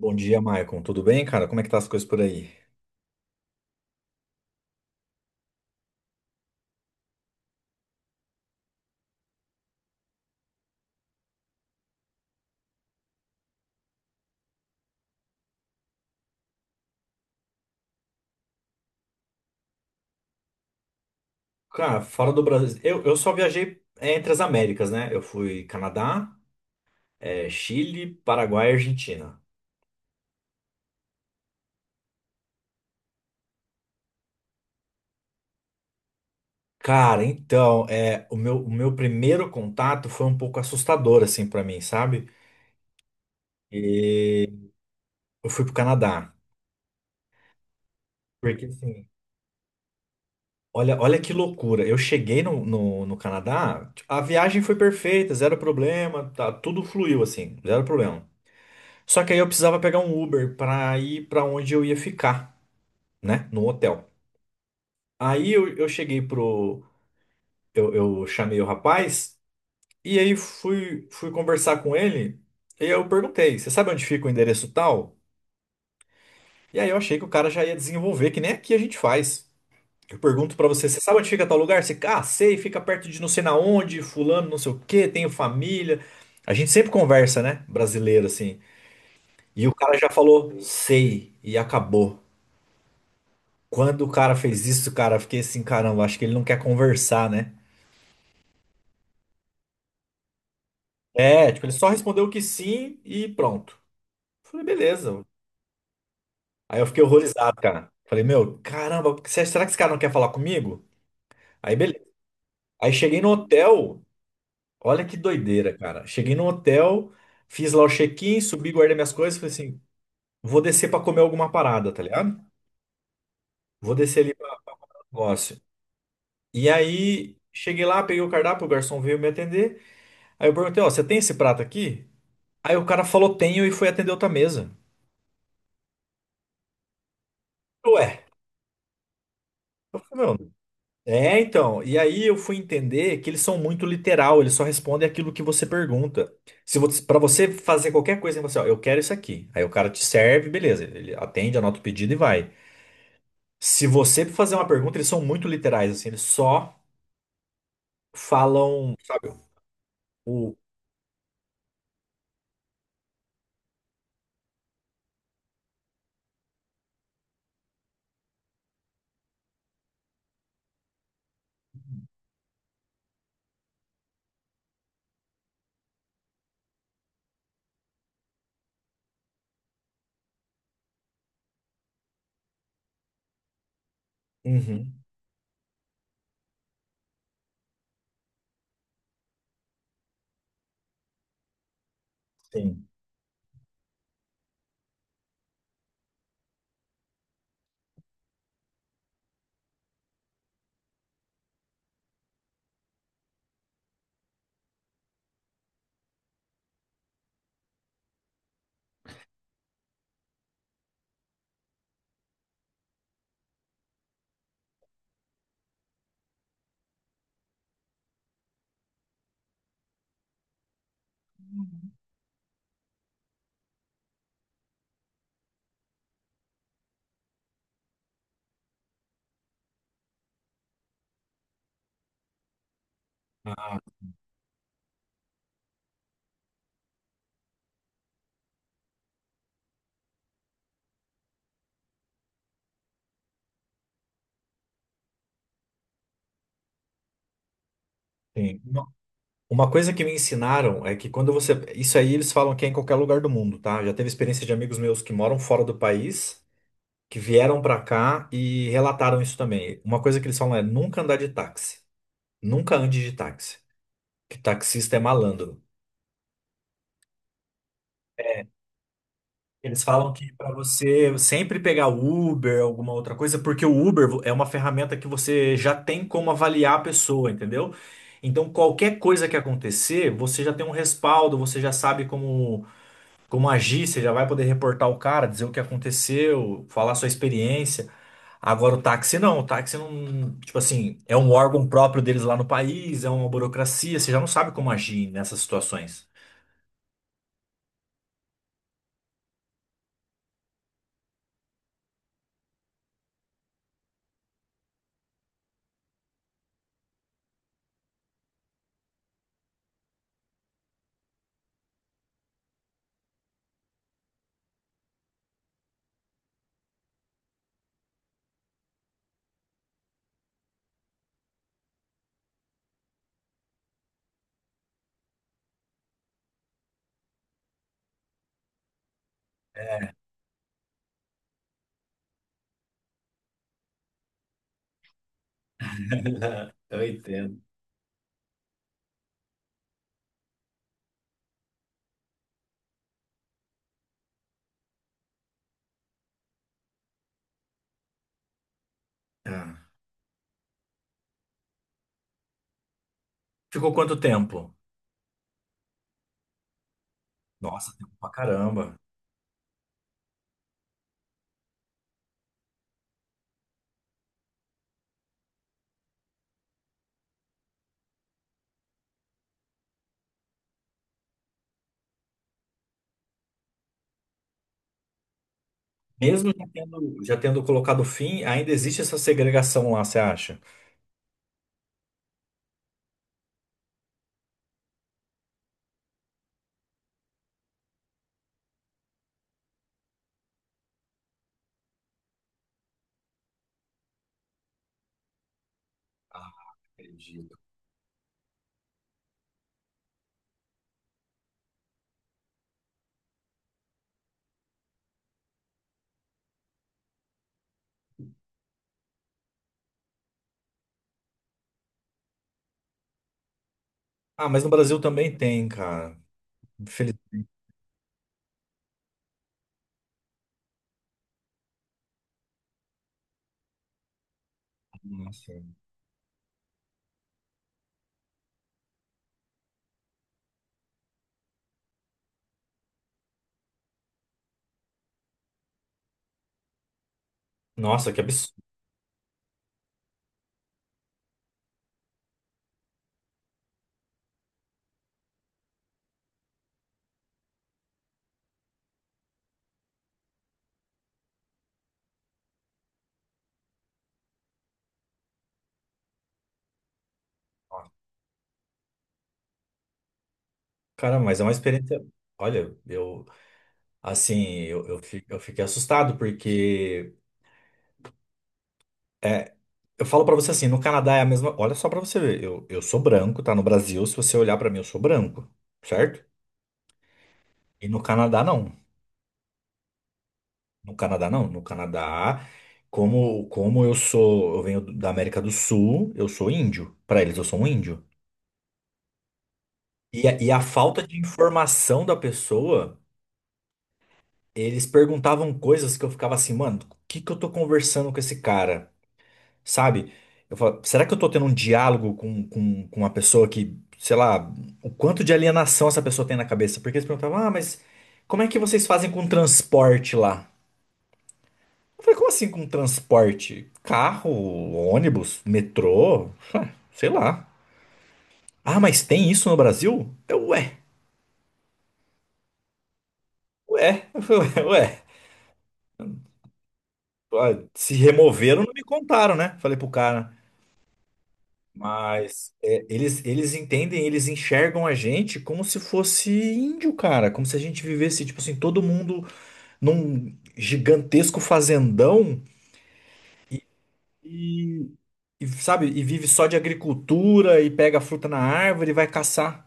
Bom dia, Maicon. Tudo bem, cara? Como é que tá as coisas por aí? Cara, fora do Brasil, eu só viajei entre as Américas, né? Eu fui Canadá, Chile, Paraguai e Argentina. Cara, então, o meu primeiro contato foi um pouco assustador, assim, pra mim, sabe? E eu fui pro Canadá. Porque, assim, olha que loucura. Eu cheguei no Canadá, a viagem foi perfeita, zero problema, tá, tudo fluiu, assim, zero problema. Só que aí eu precisava pegar um Uber para ir para onde eu ia ficar, né? No hotel. Aí eu cheguei pro. Eu chamei o rapaz e aí fui conversar com ele. E eu perguntei: Você sabe onde fica o endereço tal? E aí eu achei que o cara já ia desenvolver, que nem aqui a gente faz. Eu pergunto pra você: Você sabe onde fica tal lugar? Você, ah, sei, fica perto de não sei na onde, fulano, não sei o quê, tenho família. A gente sempre conversa, né? Brasileiro assim. E o cara já falou: Sei, e acabou. Quando o cara fez isso, cara, eu fiquei assim, caramba, acho que ele não quer conversar, né? É, tipo, ele só respondeu que sim e pronto. Falei, beleza. Aí eu fiquei horrorizado, cara. Falei, meu, caramba, será que esse cara não quer falar comigo? Aí, beleza. Aí cheguei no hotel, olha que doideira, cara. Cheguei no hotel, fiz lá o check-in, subi, guardei minhas coisas, falei assim, vou descer pra comer alguma parada, tá ligado? Vou descer ali pra negócio. E aí, cheguei lá, peguei o cardápio, o garçom veio me atender. Aí eu perguntei, ó, você tem esse prato aqui? Aí o cara falou tenho e foi atender outra mesa. Ué, eu falei, meu. É, então. E aí eu fui entender que eles são muito literal, eles só respondem aquilo que você pergunta. Se você, para você fazer qualquer coisa, você, ó, eu quero isso aqui. Aí o cara te serve, beleza, ele atende, anota o pedido e vai. Se você fazer uma pergunta, eles são muito literais, assim, eles só falam, sabe, o uhum, sim, ah, sim. Uma coisa que me ensinaram é que quando você. Isso aí eles falam que é em qualquer lugar do mundo, tá? Já teve experiência de amigos meus que moram fora do país, que vieram pra cá e relataram isso também. Uma coisa que eles falam é nunca andar de táxi. Nunca ande de táxi. Que taxista é malandro. Eles falam que pra você sempre pegar Uber, alguma outra coisa, porque o Uber é uma ferramenta que você já tem como avaliar a pessoa, entendeu? Então, qualquer coisa que acontecer, você já tem um respaldo, você já sabe como. Como agir, você já vai poder reportar o cara, dizer o que aconteceu, falar sua experiência. Agora o táxi não, tipo assim, é um órgão próprio deles lá no país, é uma burocracia, você já não sabe como agir nessas situações. É, eu entendo. É. Ficou quanto tempo? Nossa, tempo pra caramba. Mesmo já tendo colocado fim, ainda existe essa segregação lá, você acha? Ah, acredito. Ah, mas no Brasil também tem, cara. Infelizmente. Nossa, que absurdo. Cara, mas é uma experiência. Olha, eu assim, eu fiquei assustado porque é, eu falo pra você assim, no Canadá é a mesma. Olha só pra você ver, eu sou branco, tá? No Brasil, se você olhar pra mim, eu sou branco, certo? E no Canadá não. No Canadá não. No Canadá, como eu sou, eu venho da América do Sul, eu sou índio. Pra eles eu sou um índio. E a falta de informação da pessoa, eles perguntavam coisas que eu ficava assim, mano, o que que eu tô conversando com esse cara? Sabe? Eu falo, será que eu tô tendo um diálogo com uma pessoa que, sei lá, o quanto de alienação essa pessoa tem na cabeça? Porque eles perguntavam, ah, mas como é que vocês fazem com transporte lá? Eu falei, como assim com transporte? Carro, ônibus, metrô? Ah, sei lá. Ah, mas tem isso no Brasil? Eu, ué, ué, ué. Ah, se removeram, não me contaram, né? Falei pro cara. Mas é, eles entendem, eles enxergam a gente como se fosse índio, cara. Como se a gente vivesse, tipo assim, todo mundo num gigantesco fazendão e, e, sabe, e vive só de agricultura e pega fruta na árvore e vai caçar.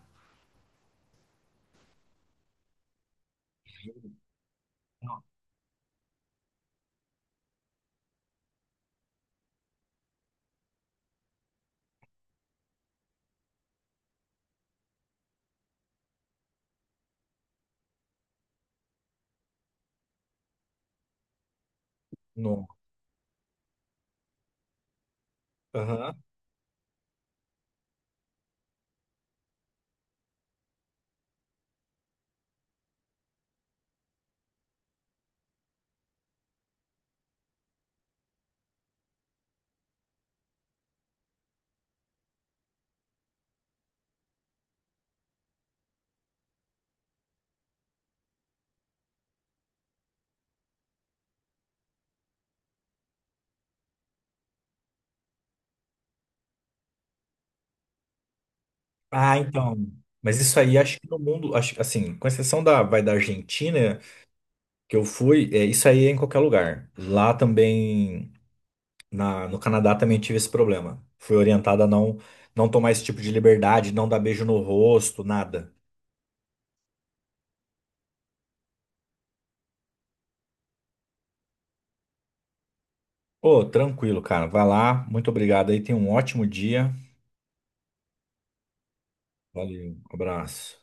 No. Aham. Ah, então. Mas isso aí, acho que no mundo, acho, assim, com exceção da, vai da Argentina, que eu fui, é, isso aí é em qualquer lugar. Lá também. Na, no Canadá também tive esse problema. Fui orientada a não, não tomar esse tipo de liberdade, não dar beijo no rosto, nada. Ô, tranquilo, cara. Vai lá. Muito obrigado aí. Tenha um ótimo dia. Valeu. Abraço.